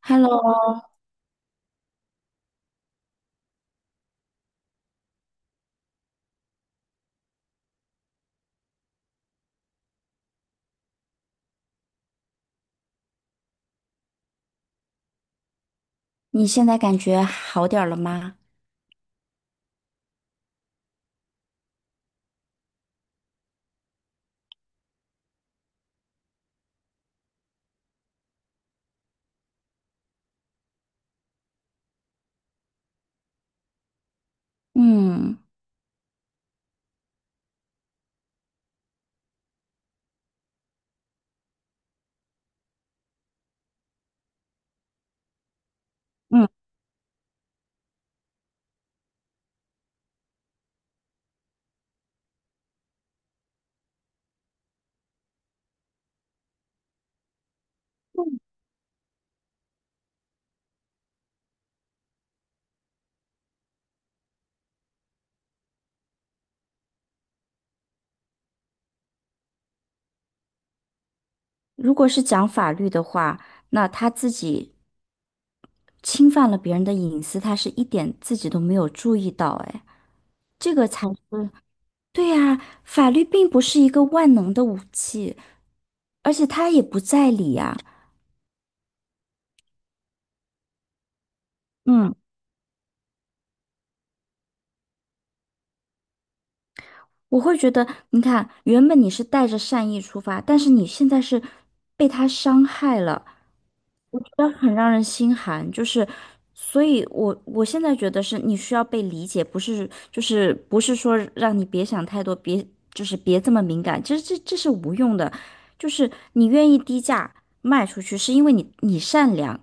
Hello，你现在感觉好点儿了吗？嗯嗯，如果是讲法律的话，那他自己侵犯了别人的隐私，他是一点自己都没有注意到，哎，这个才是，对呀，法律并不是一个万能的武器，而且他也不在理呀。嗯。我会觉得，你看，原本你是带着善意出发，但是你现在是被他伤害了，我觉得很让人心寒。就是，所以我现在觉得是你需要被理解，不是就是不是说让你别想太多，别就是别这么敏感，其实这是无用的。就是你愿意低价卖出去，是因为你善良，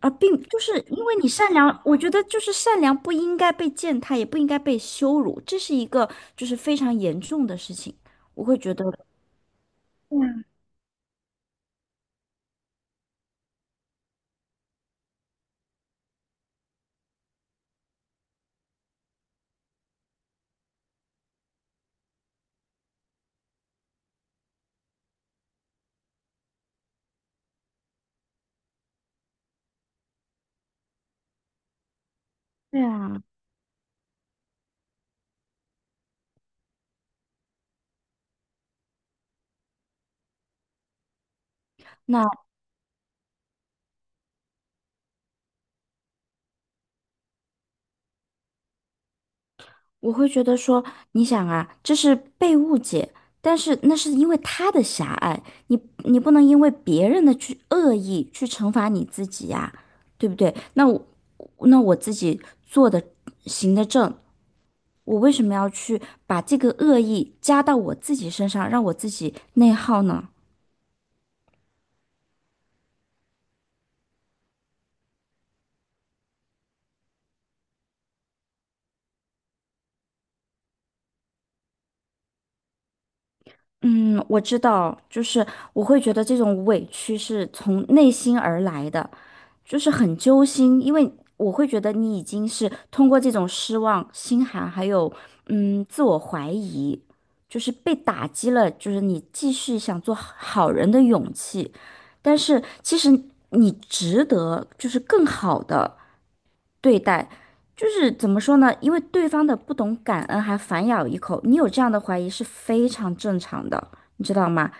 啊，并就是因为你善良，我觉得就是善良不应该被践踏，也不应该被羞辱，这是一个就是非常严重的事情。我会觉得，对啊，那我会觉得说，你想啊，这是被误解，但是那是因为他的狭隘，你你不能因为别人的去恶意去惩罚你自己呀、对不对？那我自己做的行得正，我为什么要去把这个恶意加到我自己身上，让我自己内耗呢？嗯，我知道，就是我会觉得这种委屈是从内心而来的，就是很揪心，因为我会觉得你已经是通过这种失望、心寒，还有嗯自我怀疑，就是被打击了，就是你继续想做好人的勇气，但是其实你值得就是更好的。对待，就是怎么说呢？因为对方的不懂感恩还反咬一口，你有这样的怀疑是非常正常的，你知道吗？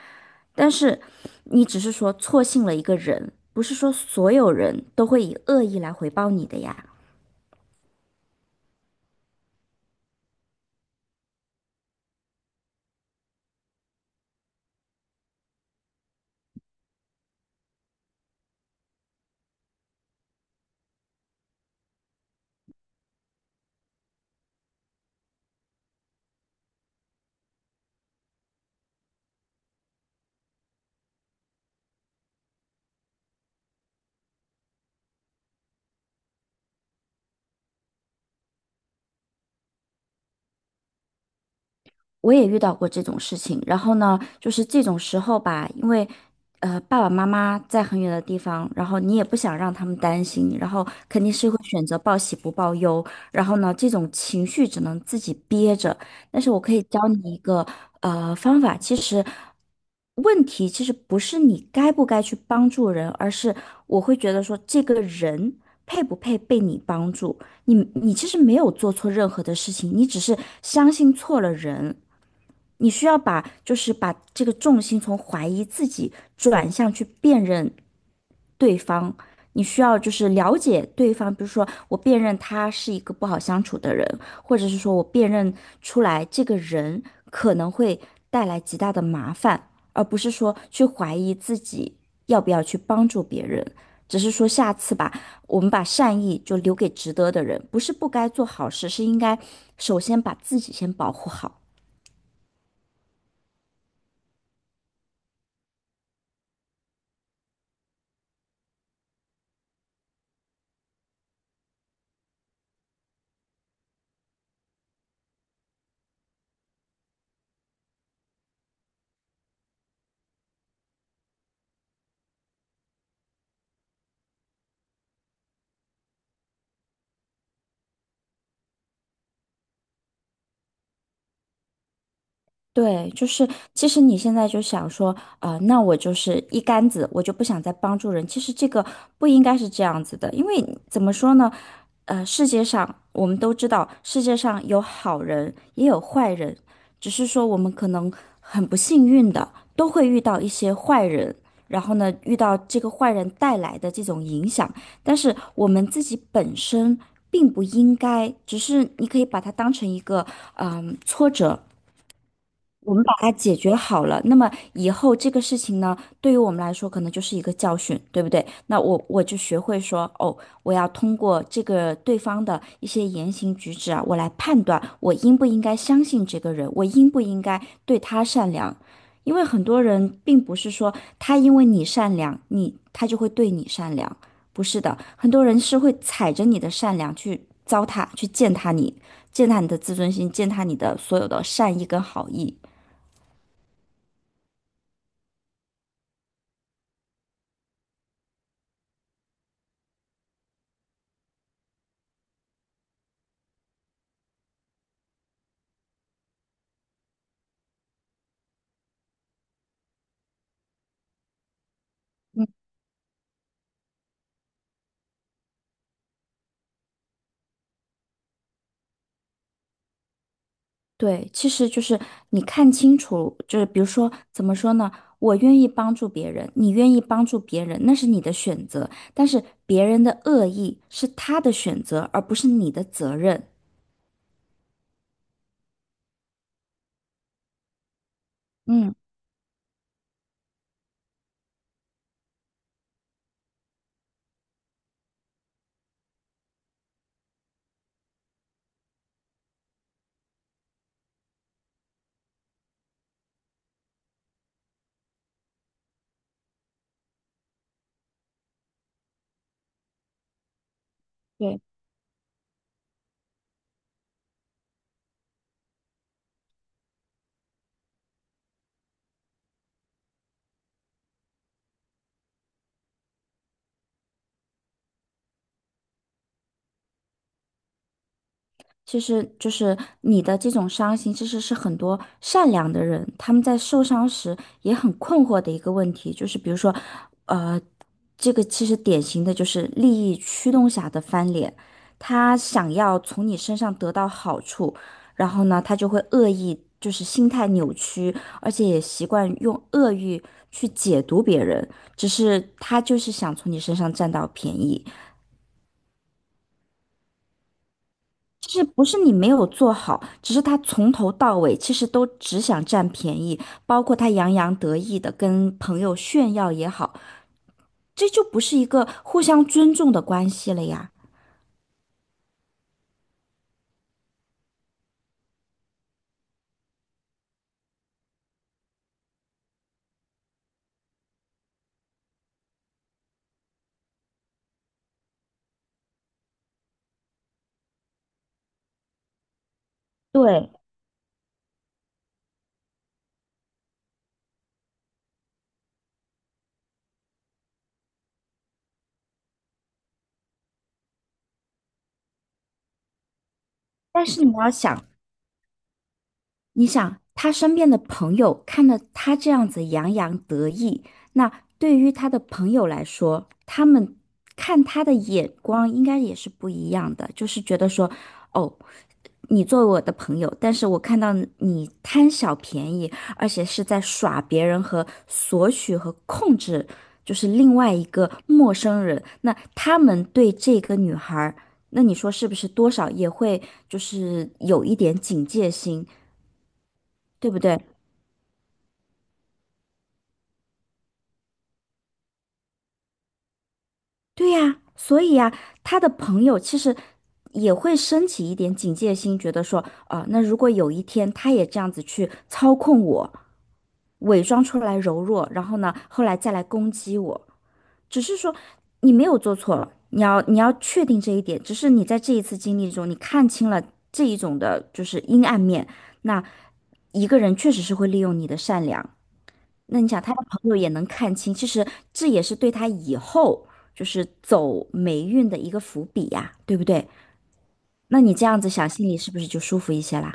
但是你只是说错信了一个人，不是说所有人都会以恶意来回报你的呀。我也遇到过这种事情，然后呢，就是这种时候吧，因为，爸爸妈妈在很远的地方，然后你也不想让他们担心，然后肯定是会选择报喜不报忧，然后呢，这种情绪只能自己憋着。但是我可以教你一个方法，其实问题其实不是你该不该去帮助人，而是我会觉得说这个人配不配被你帮助。你其实没有做错任何的事情，你只是相信错了人。你需要把就是把这个重心从怀疑自己转向去辨认对方，你需要就是了解对方，比如说我辨认他是一个不好相处的人，或者是说我辨认出来这个人可能会带来极大的麻烦，而不是说去怀疑自己要不要去帮助别人。只是说下次吧，我们把善意就留给值得的人，不是不该做好事，是应该首先把自己先保护好。对，就是其实你现在就想说，啊、那我就是一竿子，我就不想再帮助人。其实这个不应该是这样子的，因为怎么说呢，世界上我们都知道，世界上有好人也有坏人，只是说我们可能很不幸运的都会遇到一些坏人，然后呢，遇到这个坏人带来的这种影响，但是我们自己本身并不应该，只是你可以把它当成一个。我们把它解决好了，那么以后这个事情呢，对于我们来说可能就是一个教训，对不对？那我就学会说，哦，我要通过这个对方的一些言行举止啊，我来判断我应不应该相信这个人，我应不应该对他善良。因为很多人并不是说他因为你善良，你他就会对你善良，不是的，很多人是会踩着你的善良去糟蹋，去践踏你，践踏你的自尊心，践踏你的所有的善意跟好意。对，其实就是你看清楚，就是比如说，怎么说呢？我愿意帮助别人，你愿意帮助别人，那是你的选择，但是别人的恶意是他的选择，而不是你的责任。嗯，对。其实就是你的这种伤心，其实是很多善良的人他们在受伤时也很困惑的一个问题，就是比如说，呃，这个其实典型的就是利益驱动下的翻脸，他想要从你身上得到好处，然后呢，他就会恶意，就是心态扭曲，而且也习惯用恶意去解读别人，只是他就是想从你身上占到便宜。就是不是你没有做好，只是他从头到尾其实都只想占便宜，包括他洋洋得意的跟朋友炫耀也好，这就不是一个互相尊重的关系了呀。对，但是你要想，你想他身边的朋友看到他这样子洋洋得意，那对于他的朋友来说，他们看他的眼光应该也是不一样的，就是觉得说，哦，你作为我的朋友，但是我看到你贪小便宜，而且是在耍别人和索取和控制，就是另外一个陌生人。那他们对这个女孩儿那你说是不是多少也会就是有一点警戒心，对不对？对呀，所以呀，他的朋友其实也会升起一点警戒心，觉得说，啊、那如果有一天他也这样子去操控我。伪装出来柔弱，然后呢，后来再来攻击我。只是说你没有做错了，你要确定这一点。只是你在这一次经历中，你看清了这一种的就是阴暗面。那一个人确实是会利用你的善良。那你想，他的朋友也能看清，其实这也是对他以后就是走霉运的一个伏笔呀，对不对？那你这样子想，心里是不是就舒服一些啦？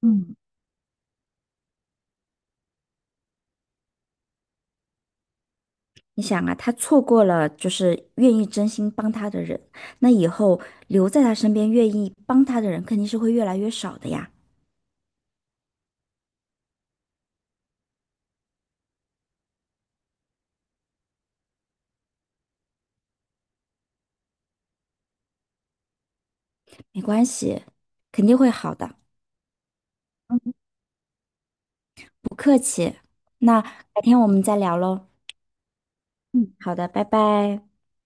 嗯，你想啊，他错过了就是愿意真心帮他的人，那以后留在他身边愿意帮他的人肯定是会越来越少的呀。没关系，肯定会好的，不客气。那改天我们再聊喽。嗯，好的，拜拜。